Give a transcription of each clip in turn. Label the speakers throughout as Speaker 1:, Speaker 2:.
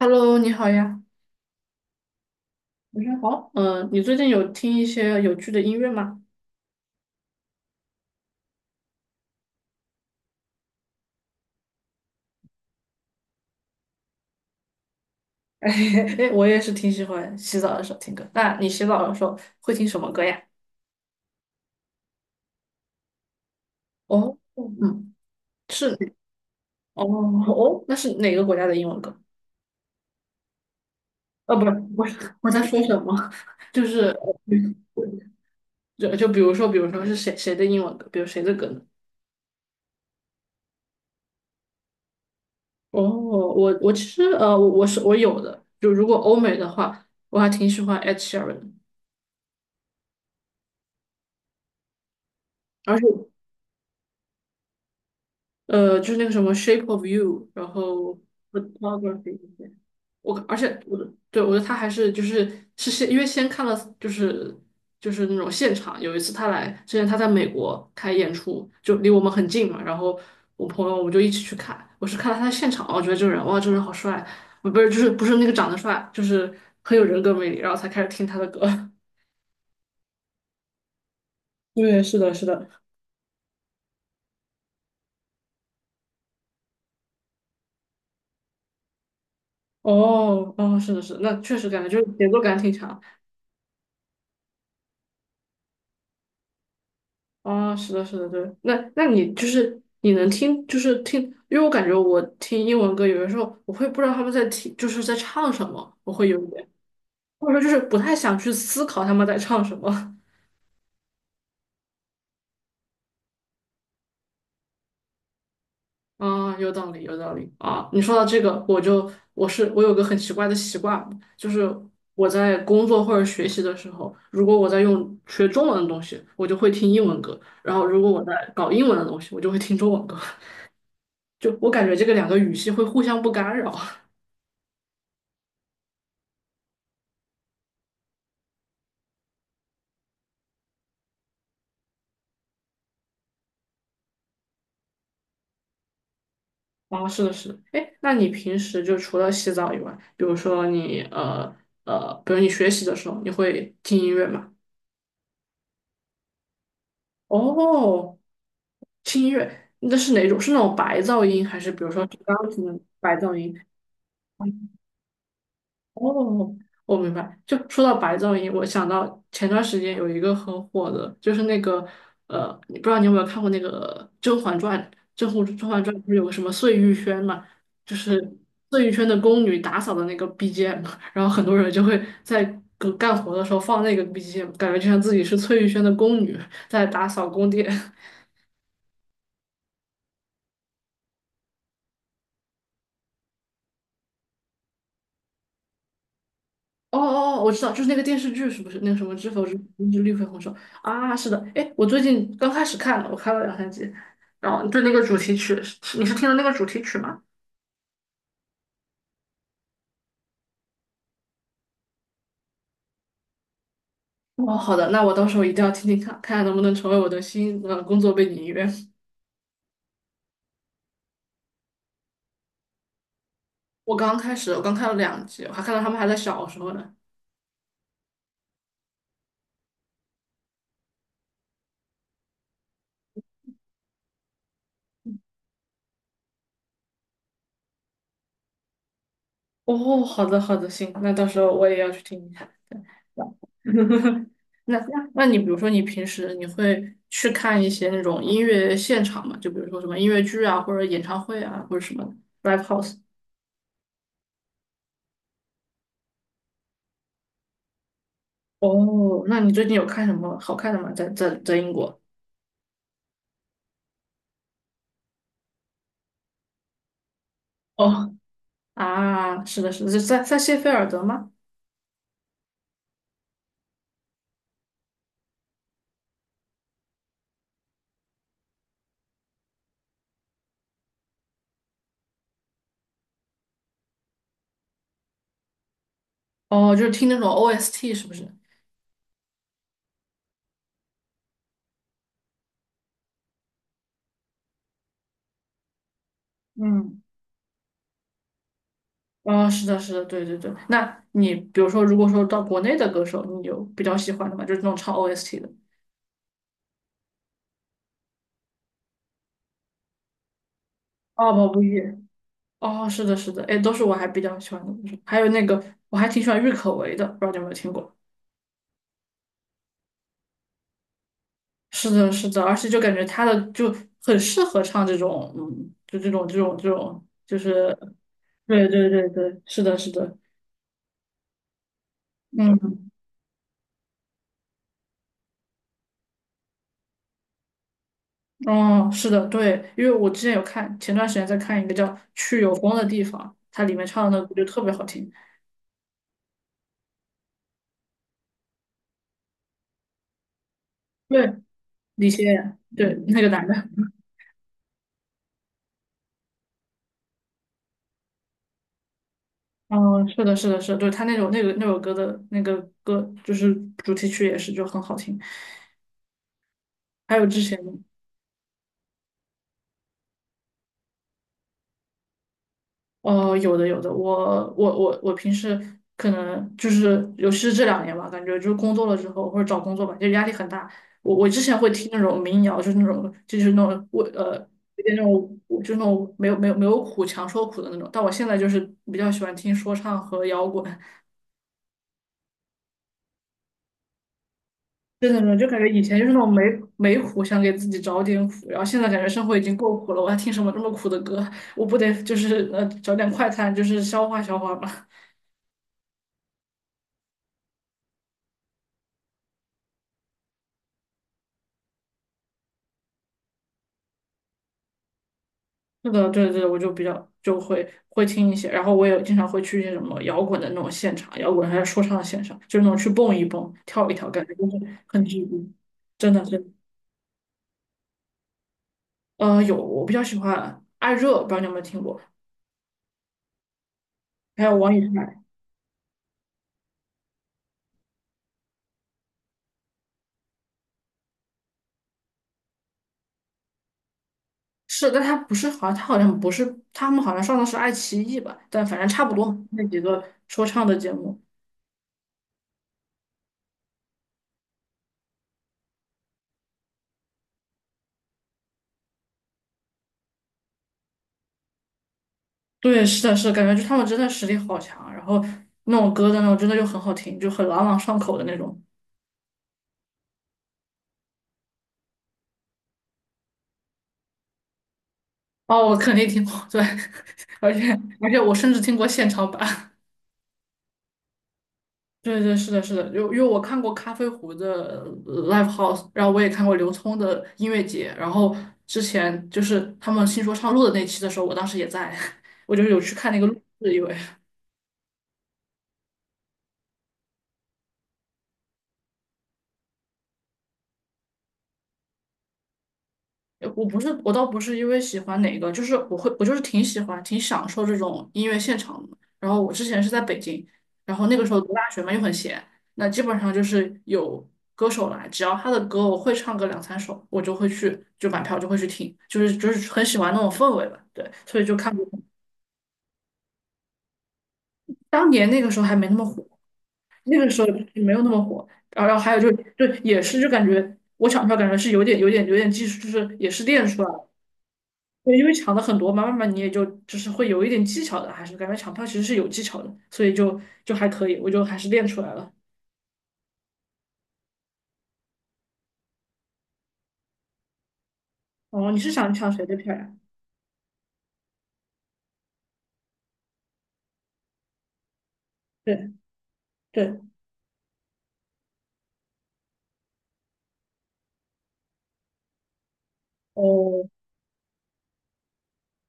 Speaker 1: Hello，你好呀。晚上好，嗯，你最近有听一些有趣的音乐吗？哎，我也是挺喜欢洗澡的时候听歌。那你洗澡的时候会听什么歌呀？哦，嗯，是。哦哦，那是哪个国家的英文歌？哦，不是，我是，我在说什么？就是就比如说，比如说是谁谁的英文歌，比如谁的歌呢？哦，我其实我有的，就如果欧美的话，我还挺喜欢 Ed Sheeran 的。就是那个什么《Shape of You》，然后 Photography 这些。我而且我的对我觉得他还是就是是先因为先看了就是就是那种现场，有一次他来之前他在美国开演出，就离我们很近嘛，然后我朋友我们就一起去看，我是看了他的现场，我觉得这个人哇，这个人好帅，不是就是不是那个长得帅，就是很有人格魅力，然后才开始听他的歌。对，是的，是的。哦哦，是的，是的，那确实感觉就是节奏感挺强。哦，是的，是的，对。那那你，就是听，因为我感觉我听英文歌，有的时候我会不知道他们在听，就是在唱什么，我会有一点，或者说就是不太想去思考他们在唱什么。啊、有道理，有道理啊！你说到这个，我就我是我有个很奇怪的习惯，就是我在工作或者学习的时候，如果我在用学中文的东西，我就会听英文歌；然后如果我在搞英文的东西，我就会听中文歌。就我感觉这个两个语系会互相不干扰。哦，是的，是的。哎，那你平时就除了洗澡以外，比如说你比如你学习的时候，你会听音乐吗？哦，听音乐，那是哪种？是那种白噪音，还是比如说是钢琴的白噪音？哦，我明白。就说到白噪音，我想到前段时间有一个很火的，就是那个你不知道你有没有看过那个《甄嬛传》？《甄嬛传》不是有个什么碎玉轩嘛？就是碎玉轩的宫女打扫的那个 BGM，然后很多人就会在干活的时候放那个 BGM，感觉就像自己是碎玉轩的宫女在打扫宫殿。哦哦哦，我知道，就是那个电视剧，是不是那个什么《知否知知绿肥红瘦》啊？是的，哎，我最近刚开始看了，我看了两三集，然后对那个主题曲，是你是听了那个主题曲吗？哦，好的，那我到时候一定要听听看，看看能不能成为我的新工作背景音乐。我刚开始，我刚看了两集，我还看到他们还在小时候呢。哦，好的好的，行，那到时候我也要去听一下。对。 那你比如说你平时你会去看一些那种音乐现场嘛？就比如说什么音乐剧啊，或者演唱会啊，或者什么 live house。哦，那你最近有看什么好看的吗？在英国？哦，啊，是的，是的，是在谢菲尔德吗？哦，就是听那种 OST 是不是？嗯。哦，是的，是的，对对对。那你比如说，如果说到国内的歌手，你有比较喜欢的吗？就是那种唱 OST 的。哦，毛不易，哦，是的，是的，哎，都是我还比较喜欢的，还有那个我还挺喜欢郁可唯的，不知道你有没有听过？是的，是的，而且就感觉他的就很适合唱这种，嗯，就这种，就是，对对对对，是的，是的。嗯。哦，是的，对，因为我之前有看，前段时间在看一个叫《去有风的地方》，它里面唱的那个就特别好听。对，李现，对，那个男的。嗯，是的，是的，是的，对，他那首那个那首歌的那个歌，就是主题曲也是就很好听。还有之前的，哦，有的有的，我平时可能就是，尤其是这两年吧，感觉就是工作了之后或者找工作吧，就压力很大。我之前会听那种民谣，就是那种就是那种我有点那种就那种没有苦强说苦的那种，但我现在就是比较喜欢听说唱和摇滚。真的，就感觉以前就是那种没苦，想给自己找点苦，然后现在感觉生活已经够苦了，我还听什么这么苦的歌？我不得就是找点快餐，就是消化消化吧。那个，对对，我就比较就会听一些，然后我也经常会去一些什么摇滚的那种现场，摇滚还有说唱的现场，就是那种去蹦一蹦、跳一跳，感觉就是很治愈。真的是。有，我比较喜欢艾热，不知道你有没有听过，还有王以太，是，但他不是好像，他好像不是，他们好像上的是爱奇艺吧？但反正差不多嘛那几个说唱的节目。对，是的，是的，感觉就他们真的实力好强，然后那种歌的那种真的就很好听，就很朗朗上口的那种。哦，我肯定听过，对，而且而且我甚至听过现场版。对对，是的，是的，就因为我看过咖啡壶的live house，然后我也看过刘聪的音乐节，然后之前就是他们新说唱录的那期的时候，我当时也在，我就是有去看那个录制，因为。我不是，我倒不是因为喜欢哪个，就是我会，我就是挺喜欢，挺享受这种音乐现场的。然后我之前是在北京，然后那个时候读大学嘛，又很闲，那基本上就是有歌手来，只要他的歌我会唱个两三首，我就会去，就买票就会去听，就是很喜欢那种氛围吧。对，所以就看过。当年那个时候还没那么火，那个时候就是没有那么火。然后还有就就也是就感觉我抢票感觉是有点技术，就是也是练出来。的。对，因为抢的很多嘛，慢慢你也就就是会有一点技巧的，还是感觉抢票其实是有技巧的，所以就就还可以，我就还是练出来了。哦，你是想抢谁的票呀？对对。哦，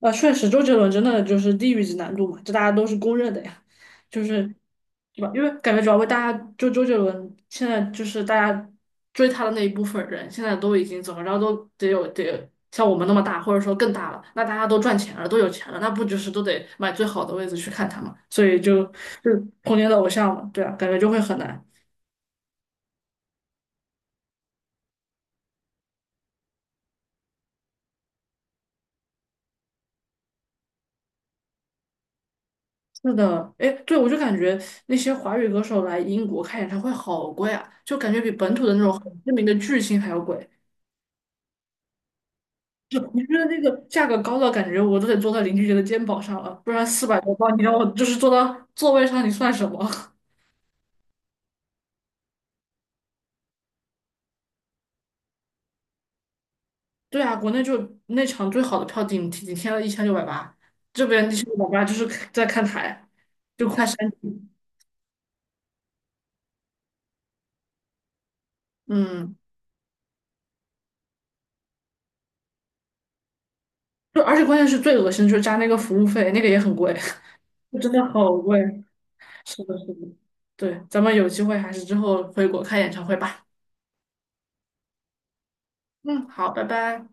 Speaker 1: 啊，确实，周杰伦真的就是地狱级难度嘛，这大家都是公认的呀，就是对吧？因为感觉主要为大家就周杰伦现在就是大家追他的那一部分人，现在都已经怎么着都得有得像我们那么大，或者说更大了，那大家都赚钱了，都有钱了，那不就是都得买最好的位置去看他嘛？所以就就是童年的偶像嘛，对啊，感觉就会很难。是的，哎，对，我就感觉那些华语歌手来英国开演唱会好贵啊，就感觉比本土的那种很知名的巨星还要贵。就你觉得那个价格高到感觉我都得坐到邻居家的肩膀上了，不然四百多磅，你让我就是坐到座位上，你算什么？对啊，国内就那场最好的票顶天了一千六百八，这边一千六百八就是在看台，就快山顶。嗯，就而且关键是最恶心的就是加那个服务费，那个也很贵，就真的好贵。是的，是的，对，咱们有机会还是之后回国看演唱会吧。嗯，好，拜拜。